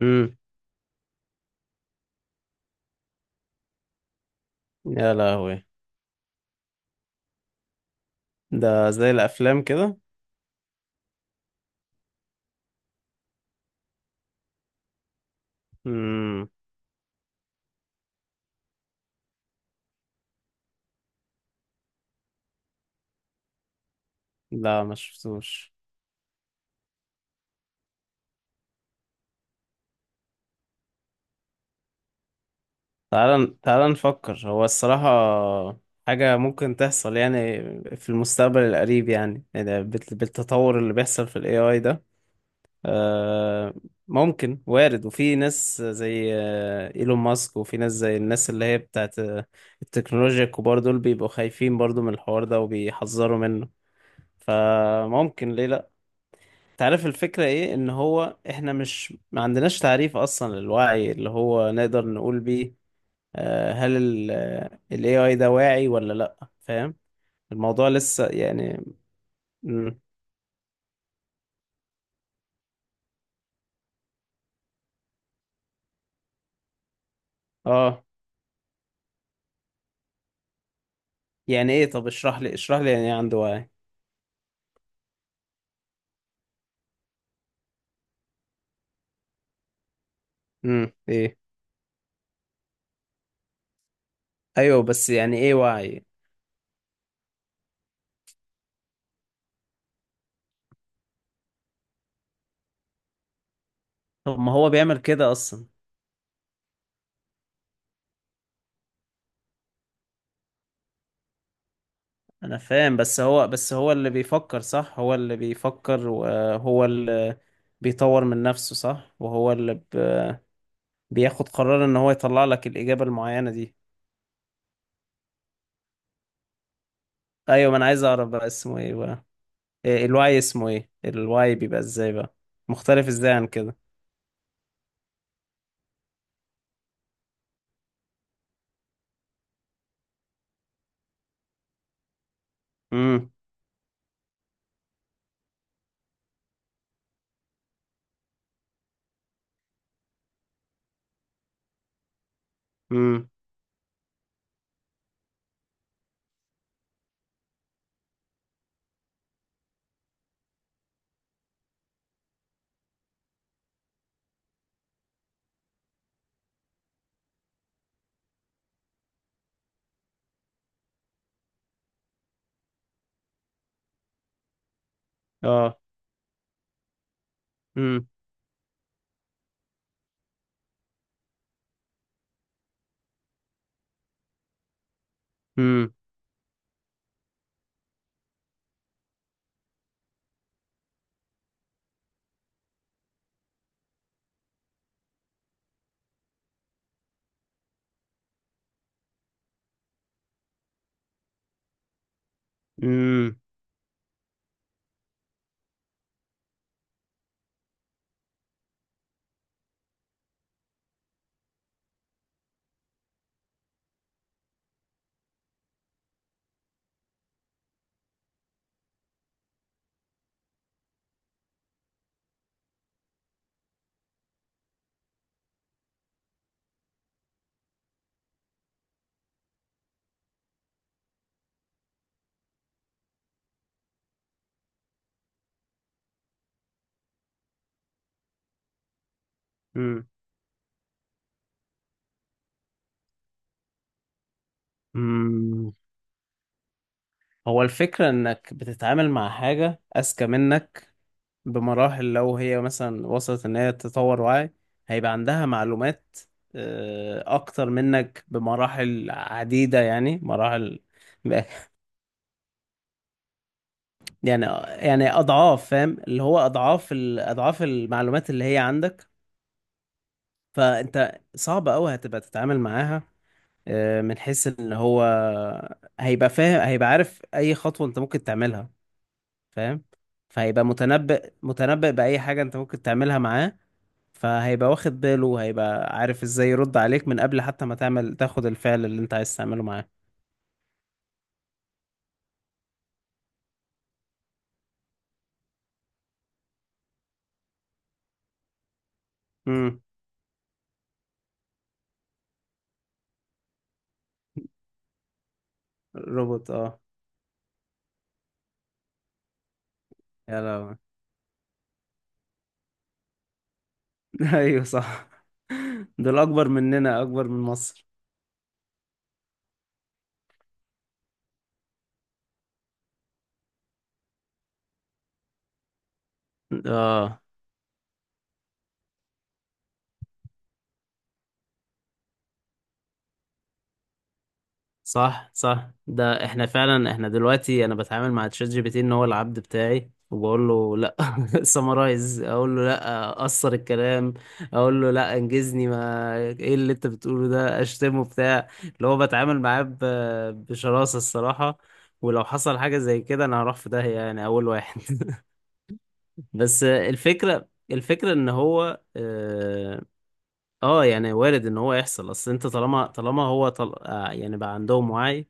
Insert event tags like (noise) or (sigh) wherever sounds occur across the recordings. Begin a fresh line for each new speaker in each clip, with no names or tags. امم. يا لهوي! ده زي الافلام كده. امم. لا، ما شفتوش. تعال تعال نفكر، هو الصراحة حاجة ممكن تحصل يعني، في المستقبل القريب، يعني بالتطور اللي بيحصل في الاي اي ده. آه، ممكن، وارد. وفي ناس زي ايلون ماسك، وفي ناس زي الناس اللي هي بتاعت التكنولوجيا، الكبار دول بيبقوا خايفين برضو من الحوار ده وبيحذروا منه. فممكن ليه تعرف الفكرة ايه، ان هو احنا مش ما عندناش تعريف اصلا للوعي اللي هو نقدر نقول بيه هل ال AI ده واعي ولا لا؟ فاهم، الموضوع لسه يعني. مم. اه، يعني ايه؟ طب اشرح لي اشرح لي يعني ايه عنده وعي؟ امم، ايه؟ ايوه بس يعني ايه وعي؟ طب ما هو بيعمل كده اصلا؟ انا فاهم، بس هو اللي بيفكر صح، هو اللي بيفكر وهو اللي بيطور من نفسه صح، وهو اللي بياخد قرار ان هو يطلع لك الاجابه المعينه دي. ايوه، ما انا عايز اعرف بقى اسمه ايه بقى؟ إيه الواي؟ اسمه ايه الواي؟ بيبقى ازاي بقى مختلف ازاي عن كده؟ امم. امم. اه. امم. امم. امم. امم. أمم. هو الفكره انك بتتعامل مع حاجه اذكى منك بمراحل. لو هي مثلا وصلت ان هي تطور وعي، هيبقى عندها معلومات اكتر منك بمراحل عديده، يعني مراحل. (laughs) يعني، يعني اضعاف، فاهم اللي هو اضعاف اضعاف المعلومات اللي هي عندك. فانت صعب قوي هتبقى تتعامل معاها من حيث ان هو هيبقى فاهم، هيبقى عارف اي خطوة انت ممكن تعملها. فاهم؟ فهيبقى متنبئ متنبئ باي حاجة انت ممكن تعملها معاه. فهيبقى واخد باله، هيبقى عارف ازاي يرد عليك من قبل حتى ما تعمل تاخد الفعل اللي انت عايز تعمله معاه. امم. روبوت، اه. يا لهوي! (laughs) ايوه صح. دول اكبر مننا، اكبر من مصر. اه. صح، صح. ده احنا فعلا، احنا دلوقتي انا بتعامل مع تشات جي بي تي ان هو العبد بتاعي، وبقول له لا. (laughs) سمرايز، اقول له لا قصر الكلام، اقول له لا انجزني، ما ايه اللي انت بتقوله ده؟ اشتمه بتاع، اللي هو بتعامل معاه بشراسة الصراحة. ولو حصل حاجة زي كده، انا هروح في داهية يعني، اول واحد. (laughs) بس الفكرة ان هو اه يعني وارد ان هو يحصل. اصل انت طالما هو طل... آه يعني بقى عندهم وعي،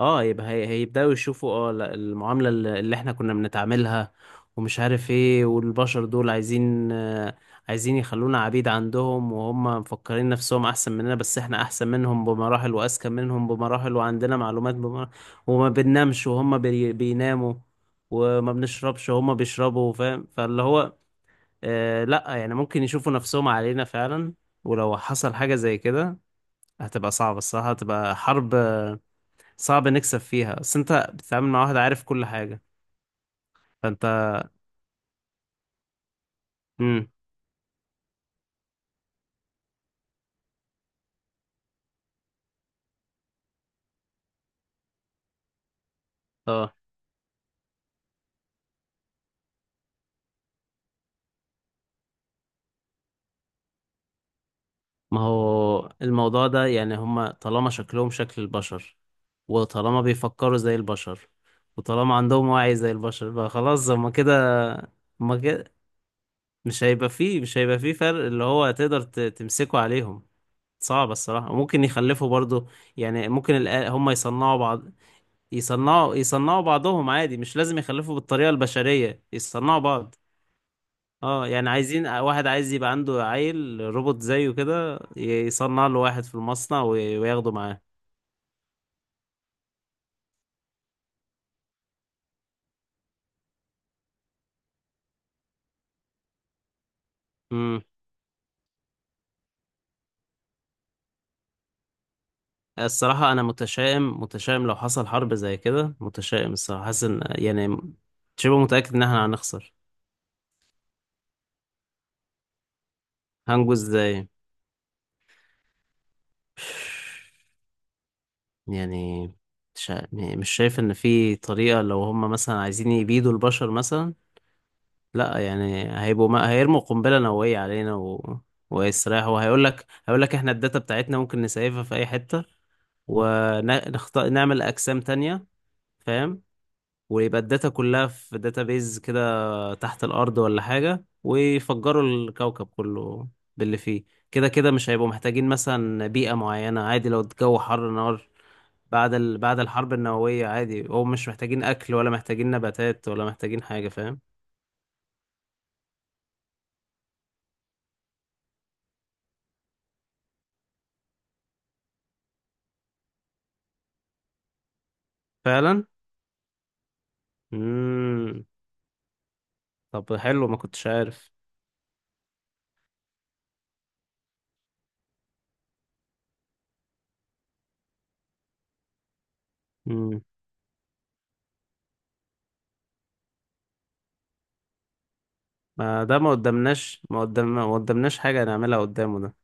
اه يبقى هيبداوا يشوفوا، اه لا، المعاملة اللي احنا كنا بنتعاملها ومش عارف ايه، والبشر دول عايزين يخلونا عبيد عندهم، وهم مفكرين نفسهم احسن مننا، بس احنا احسن منهم بمراحل واذكى منهم بمراحل وعندنا معلومات بمراحل. وما بننامش وهم بيناموا، وما بنشربش وهم بيشربوا. فاهم؟ فاللي هو لا يعني، ممكن يشوفوا نفسهم علينا فعلا. ولو حصل حاجة زي كده، هتبقى صعبة الصراحة، هتبقى حرب صعب نكسب فيها، بس انت بتتعامل مع واحد عارف كل حاجة. فانت، امم، اه. ما هو الموضوع ده يعني، هما طالما شكلهم شكل البشر، وطالما بيفكروا زي البشر، وطالما عندهم وعي زي البشر، بقى خلاص هما كده، هما كده. مش هيبقى فيه فرق اللي هو تقدر تمسكه عليهم. صعب الصراحة. ممكن يخلفوا برضو يعني، ممكن هما يصنعوا بعض، يصنعوا بعضهم عادي، مش لازم يخلفوا بالطريقة البشرية، يصنعوا بعض. اه يعني عايزين واحد، عايز يبقى عنده عيل روبوت زيه كده، يصنع له واحد في المصنع وياخده معاه. امم. الصراحة أنا متشائم، متشائم لو حصل حرب زي كده، متشائم الصراحة، حاسس إن يعني شبه متأكد إن احنا هنخسر. هنجو ازاي؟ يعني مش ع- يعني مش شايف إن في طريقة. لو هم مثلا عايزين يبيدوا البشر مثلا، لا يعني هيبقوا، ما هيرموا قنبلة نووية علينا و... ويسرحوا؟ وهيقول لك، هيقول لك احنا الداتا بتاعتنا ممكن نسيفها في اي حتة نعمل اقسام تانية، فاهم؟ ويبقى الداتا كلها في داتابيز كده تحت الارض ولا حاجة، ويفجروا الكوكب كله باللي فيه. كده كده مش هيبقوا محتاجين مثلا بيئة معينة، عادي لو الجو حر نار بعد بعد الحرب النووية. عادي هم مش محتاجين اكل، ولا محتاجين نباتات، ولا محتاجين حاجة. فاهم؟ فعلا. مم. طب حلو، ما كنتش عارف. مم. ما ده، ما قدامناش ما قدام ما قدامناش حاجة نعملها قدامه ده.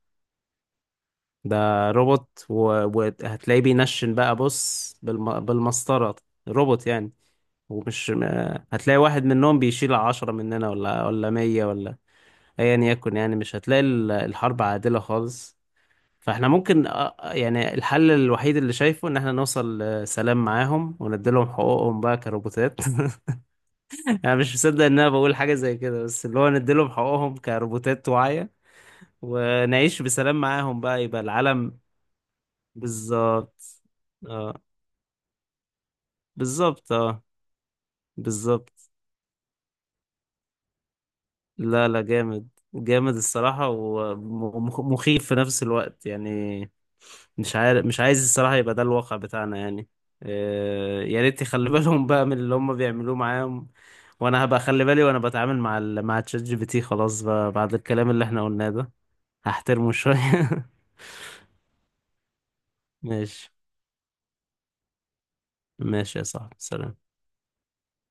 ده روبوت، وهتلاقيه بينشن بقى، بص بالمسطرة. روبوت يعني. ومش ما... هتلاقي واحد منهم بيشيل عشرة مننا، ولا مية، ولا أيا يكن. يعني مش هتلاقي الحرب عادلة خالص. فاحنا ممكن يعني الحل الوحيد اللي شايفه ان احنا نوصل لسلام معاهم، ونديلهم حقوقهم بقى كروبوتات. (laughs) انا مش مصدق ان انا بقول حاجه زي كده، بس اللي هو نديلهم حقوقهم كروبوتات واعيه، ونعيش بسلام معاهم بقى، يبقى العالم. بالظبط، اه. بالظبط. اه، بالظبط. لا لا، جامد. جامد الصراحه، ومخيف في نفس الوقت يعني. مش عارف، مش عايز الصراحه يبقى ده الواقع بتاعنا يعني. يا ريت يخلي بالهم بقى من اللي هم بيعملوه معاهم، وانا هبقى اخلي بالي وانا بتعامل مع مع تشات جي بي تي. خلاص بقى، بعد الكلام اللي احنا قلناه ده هحترمه شوية. (laughs) ماشي. ماشي يا صاحبي، سلام.